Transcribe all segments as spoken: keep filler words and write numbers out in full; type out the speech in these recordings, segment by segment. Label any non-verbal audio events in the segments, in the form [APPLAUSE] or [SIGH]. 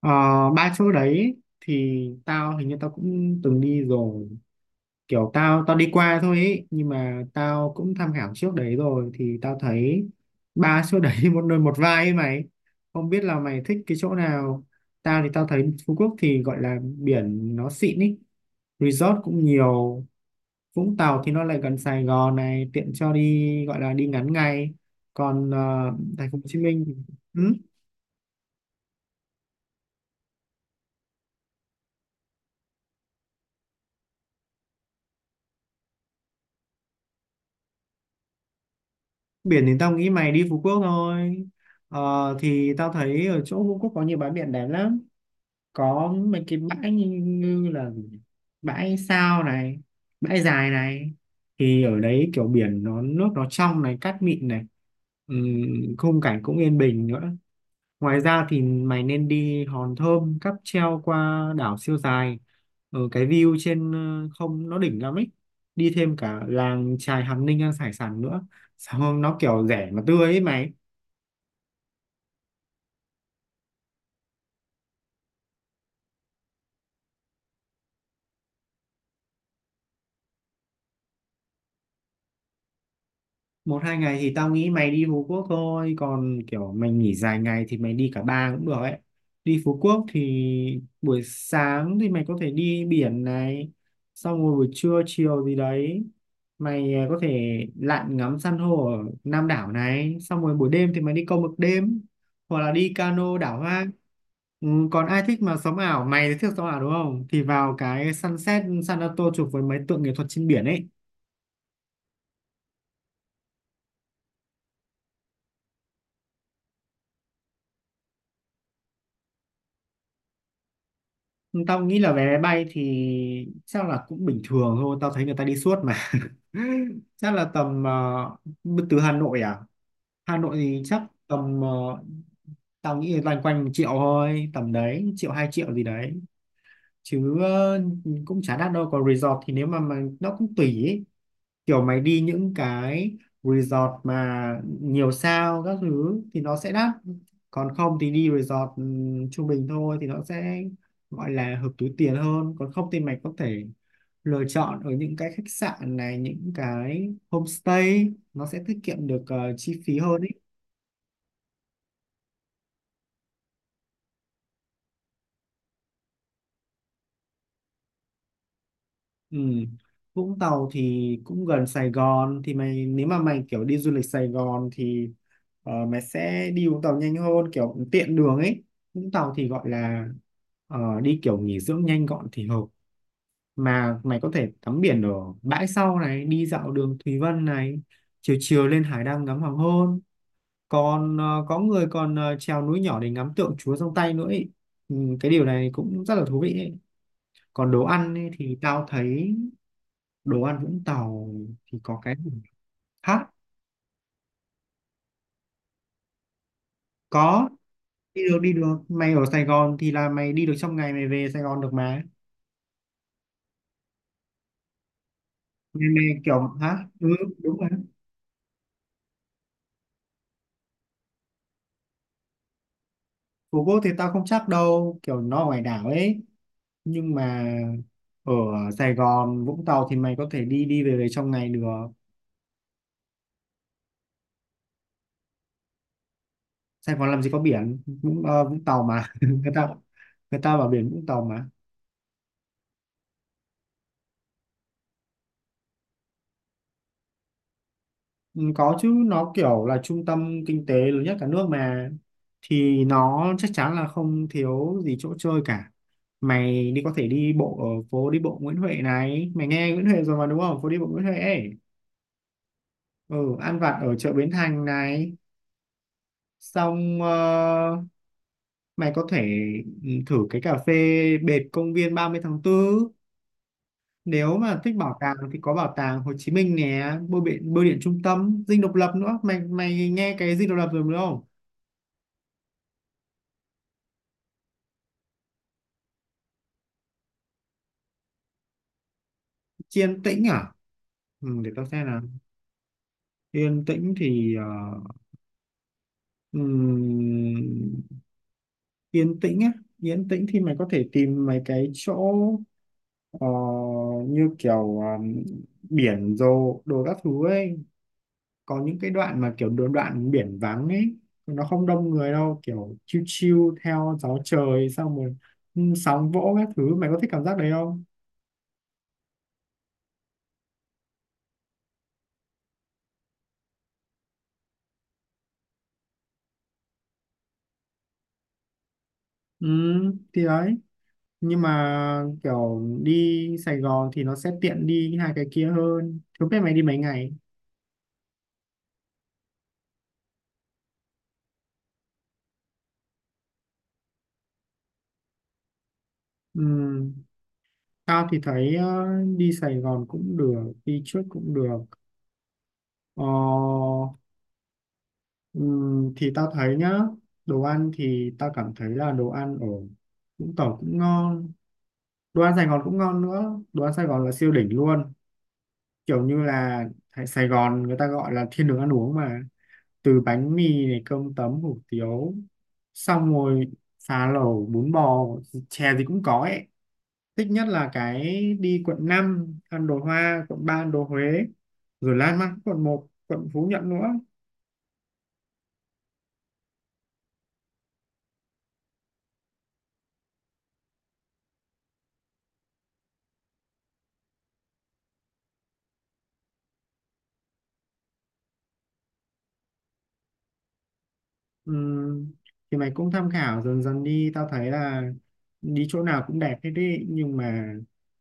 Ờ, ba chỗ đấy thì tao hình như tao cũng từng đi rồi kiểu tao tao đi qua thôi ấy, nhưng mà tao cũng tham khảo trước đấy rồi thì tao thấy ba chỗ đấy [LAUGHS] một nơi một vai ấy mày, không biết là mày thích cái chỗ nào. Tao thì tao thấy Phú Quốc thì gọi là biển nó xịn ấy, resort cũng nhiều. Vũng Tàu thì nó lại gần Sài Gòn này, tiện cho đi gọi là đi ngắn ngày. Còn ờ, thành phố Hồ Chí Minh thì- ừ? Biển thì tao nghĩ mày đi Phú Quốc thôi. Ờ, thì tao thấy ở chỗ Phú Quốc có nhiều bãi biển đẹp lắm, có mấy cái bãi như, như là bãi Sao này, bãi Dài này, thì ở đấy kiểu biển nó nước nó trong này, cát mịn này. Ừm, khung cảnh cũng yên bình nữa. Ngoài ra thì mày nên đi Hòn Thơm cáp treo qua đảo siêu dài. Ở cái view trên ờ, không, nó đỉnh lắm ấy. Đi thêm cả làng chài Hàm Ninh ăn hải sản nữa. Xong nó kiểu rẻ mà tươi ấy mày. Một hai ngày thì tao nghĩ mày đi Phú Quốc thôi, còn kiểu mày nghỉ dài ngày thì mày đi cả ba cũng được ấy. Đi Phú Quốc thì buổi sáng thì mày có thể đi biển này, xong rồi buổi trưa chiều gì đấy mày à, có thể lặn ngắm san hô ở Nam đảo này, xong rồi buổi đêm thì mày đi câu mực đêm hoặc là đi cano đảo hoang. Ừ, còn ai thích mà sống ảo mày, thì thích sống ảo đúng không, thì vào cái sunset San Antonio chụp với mấy tượng nghệ thuật trên biển ấy. Tao nghĩ là vé máy bay thì chắc là cũng bình thường thôi, tao thấy người ta đi suốt mà. [LAUGHS] Chắc là tầm ờ, từ Hà Nội à? Hà Nội thì chắc tầm ờ, tao nghĩ loanh quanh một triệu thôi, tầm đấy, triệu hai triệu gì đấy. Chứ ờ, cũng chả đắt đâu. Còn resort thì nếu mà, mà nó cũng tùy ý, kiểu mày đi những cái resort mà nhiều sao các thứ thì nó sẽ đắt, còn không thì đi resort ừm, trung bình thôi thì nó sẽ gọi là hợp túi tiền hơn. Còn không thì mày có thể lựa chọn ở những cái khách sạn này, những cái homestay, nó sẽ tiết kiệm được ờ, chi phí hơn. Ừ. Vũng Tàu thì cũng gần Sài Gòn, thì mày nếu mà mày kiểu đi du lịch Sài Gòn thì ờ, mày sẽ đi Vũng Tàu nhanh hơn, kiểu tiện đường ấy. Vũng Tàu thì gọi là ờ, đi kiểu nghỉ dưỡng nhanh gọn thì hợp. Mà mày có thể tắm biển ở bãi sau này, đi dạo đường Thùy Vân này, chiều chiều lên hải đăng ngắm hoàng hôn. Còn ờ, có người còn ờ, trèo núi nhỏ để ngắm tượng Chúa trong tay nữa ấy. Ừ, cái điều này cũng rất là thú vị ấy. Còn đồ ăn ấy, thì tao thấy đồ ăn Vũng Tàu thì có cái gì? Hả? Có, đi được đi được mày, ở Sài Gòn thì là mày đi được trong ngày, mày về Sài Gòn được mà. Mày, mày kiểu hả ừ đúng rồi. Phú Quốc thì tao không chắc đâu, kiểu nó ở ngoài đảo ấy, nhưng mà ở Sài Gòn, Vũng Tàu thì mày có thể đi đi về về trong ngày được. Sài Gòn làm gì có biển, Vũng, ờ, Vũng Tàu mà [LAUGHS] người ta, người ta bảo biển Vũng Tàu mà. Ừ, có chứ, nó kiểu là trung tâm kinh tế lớn nhất cả nước mà, thì nó chắc chắn là không thiếu gì chỗ chơi cả. Mày đi có thể đi bộ ở phố đi bộ Nguyễn Huệ này, mày nghe Nguyễn Huệ rồi mà đúng không, phố đi bộ Nguyễn Huệ ấy. Ừ, ăn vặt ở chợ Bến Thành này, xong ờ, mày có thể ừ, thử cái cà phê bệt công viên ba mươi tháng tư. Nếu mà thích bảo tàng thì có bảo tàng Hồ Chí Minh nè, bưu điện bưu điện trung tâm, Dinh Độc Lập nữa, mày mày nghe cái Dinh Độc Lập rồi đúng không. Yên tĩnh à? Ừ, để tao xem nào. Yên tĩnh thì ờ, ừm, yên tĩnh á, yên tĩnh thì mày có thể tìm mấy cái chỗ ờ, như kiểu ờm, biển rồi đồ các thứ ấy. Có những cái đoạn mà kiểu đồ đoạn biển vắng ấy, nó không đông người đâu, kiểu chill chill theo gió trời, xong rồi ừ, sóng vỗ các thứ, mày có thích cảm giác đấy không? Ừ, thì đấy, nhưng mà kiểu đi Sài Gòn thì nó sẽ tiện đi hai cái kia hơn, không biết mày đi mấy ngày. Ừm, Tao thì thấy ờ, đi Sài Gòn cũng được, đi trước cũng được. Ờ, ừm, thì tao thấy nhá, đồ ăn thì tao cảm thấy là đồ ăn ở Vũng Tàu cũng ngon, đồ ăn Sài Gòn cũng ngon nữa. Đồ ăn Sài Gòn là siêu đỉnh luôn, kiểu như là Sài Gòn người ta gọi là thiên đường ăn uống mà, từ bánh mì này, cơm tấm, hủ tiếu, xong rồi phá lẩu, bún bò, chè gì cũng có ấy. Thích nhất là cái đi quận năm ăn đồ Hoa, quận ba ăn đồ Huế, rồi lan man quận một, quận Phú Nhuận nữa. Ừm, thì mày cũng tham khảo dần dần đi, tao thấy là đi chỗ nào cũng đẹp hết đi, nhưng mà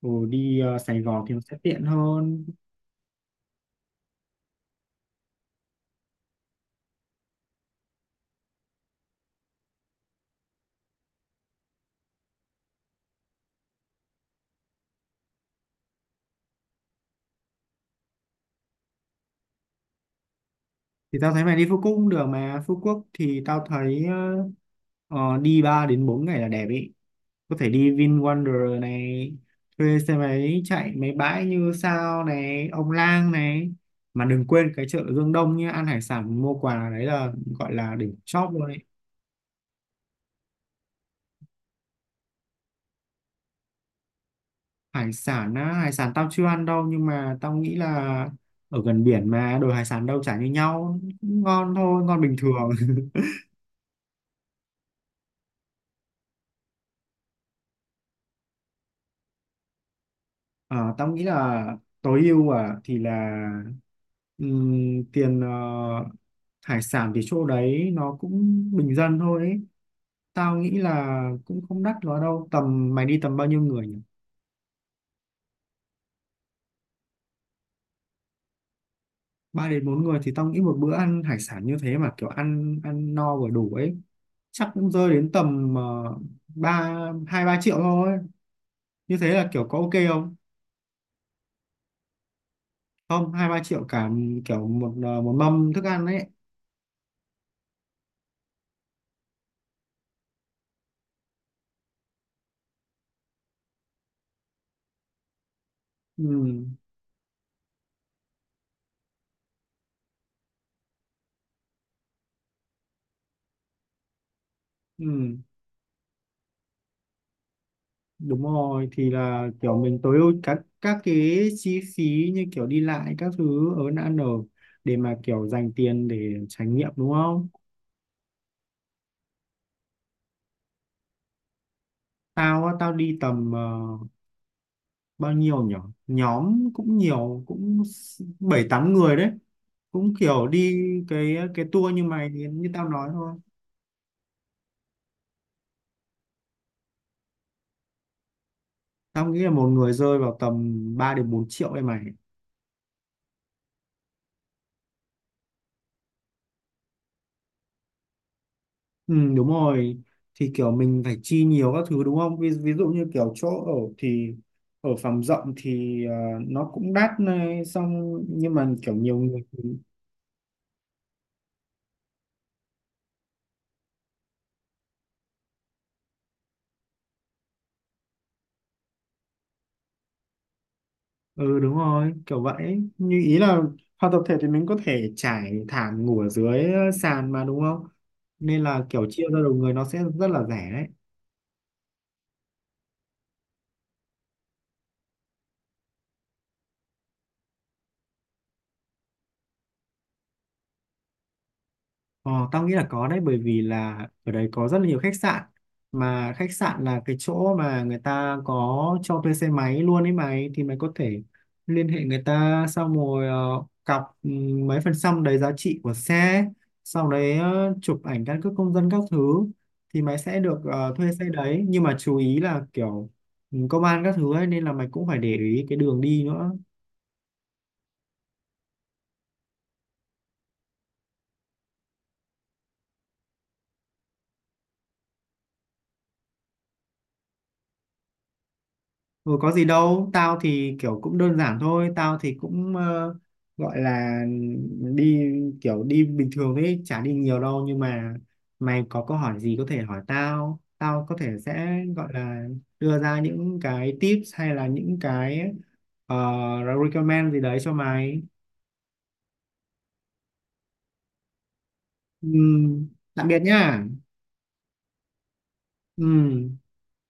ừ, đi ờ, Sài Gòn thì nó sẽ tiện hơn. Thì tao thấy mày đi Phú Quốc cũng được mà. Phú Quốc thì tao thấy ờ, ờ, đi ba đến bốn ngày là đẹp ý. Có thể đi VinWonder này, thuê xe máy chạy mấy bãi như Sao này, Ông Lang này, mà đừng quên cái chợ Dương Đông nhé, ăn hải sản mua quà, đấy là gọi là đỉnh chóp luôn ấy. Hải sản á, hải sản tao chưa ăn đâu, nhưng mà tao nghĩ là ở gần biển mà, đồ hải sản đâu chả như nhau, cũng ngon thôi, ngon bình thường. [LAUGHS] Ờ, tao nghĩ là tối ưu à, thì là ừm, tiền ờ, hải sản thì chỗ đấy nó cũng bình dân thôi ấy. Tao nghĩ là cũng không đắt quá đâu. Tầm mày đi tầm bao nhiêu người nhỉ? Ba đến bốn người thì tao nghĩ một bữa ăn hải sản như thế mà kiểu ăn ăn no vừa đủ ấy, chắc cũng rơi đến tầm ờ, ba hai ba triệu thôi. Như thế là kiểu có ok không? Không, hai ba triệu cả, kiểu một ờ, một mâm thức ăn ấy. Ừ, ừ, đúng rồi, thì là kiểu mình tối ưu các các cái chi phí như kiểu đi lại các thứ, ở ăn ở, để mà kiểu dành tiền để trải nghiệm đúng không? Tao á, tao đi tầm ờ, bao nhiêu nhỉ? Nhóm cũng nhiều, cũng s- bảy tám người đấy. Cũng kiểu đi cái cái tour như mày như tao nói thôi. Tao nghĩ là một người rơi vào tầm ba đến bốn triệu đây mày. Ừ đúng rồi. Thì kiểu mình phải chi nhiều các thứ đúng không? Ví, ví dụ như kiểu chỗ ở thì ở phòng rộng thì ờ, nó cũng đắt này, xong nhưng mà kiểu nhiều người. Ừ đúng rồi, kiểu vậy. Như ý là hoạt tập thể thì mình có thể trải thảm ngủ ở dưới ờ, sàn mà đúng không? Nên là kiểu chia ra đầu người nó sẽ rất là rẻ đấy. Ờ, tao nghĩ là có đấy, bởi vì là ở đấy có rất là nhiều khách sạn, mà khách sạn là cái chỗ mà người ta có cho thuê xe máy luôn ấy mày, thì mày có thể liên hệ người ta, xong rồi ờ, cọc ừ, mấy phần trăm đấy giá trị của xe, sau đấy ờ, chụp ảnh căn cước công dân các thứ, thì mày sẽ được ờ, thuê xe đấy, nhưng mà chú ý là kiểu ừ, công an các thứ ấy, nên là mày cũng phải để ý cái đường đi nữa. Ừ, có gì đâu, tao thì kiểu cũng đơn giản thôi, tao thì cũng ờ, gọi là đi kiểu đi bình thường ấy, chả đi nhiều đâu, nhưng mà mày có câu hỏi gì có thể hỏi tao, tao có thể sẽ gọi là đưa ra những cái tips hay là những cái ờ, recommend gì đấy cho mày. Ừ, tạm biệt nhá. Ừ.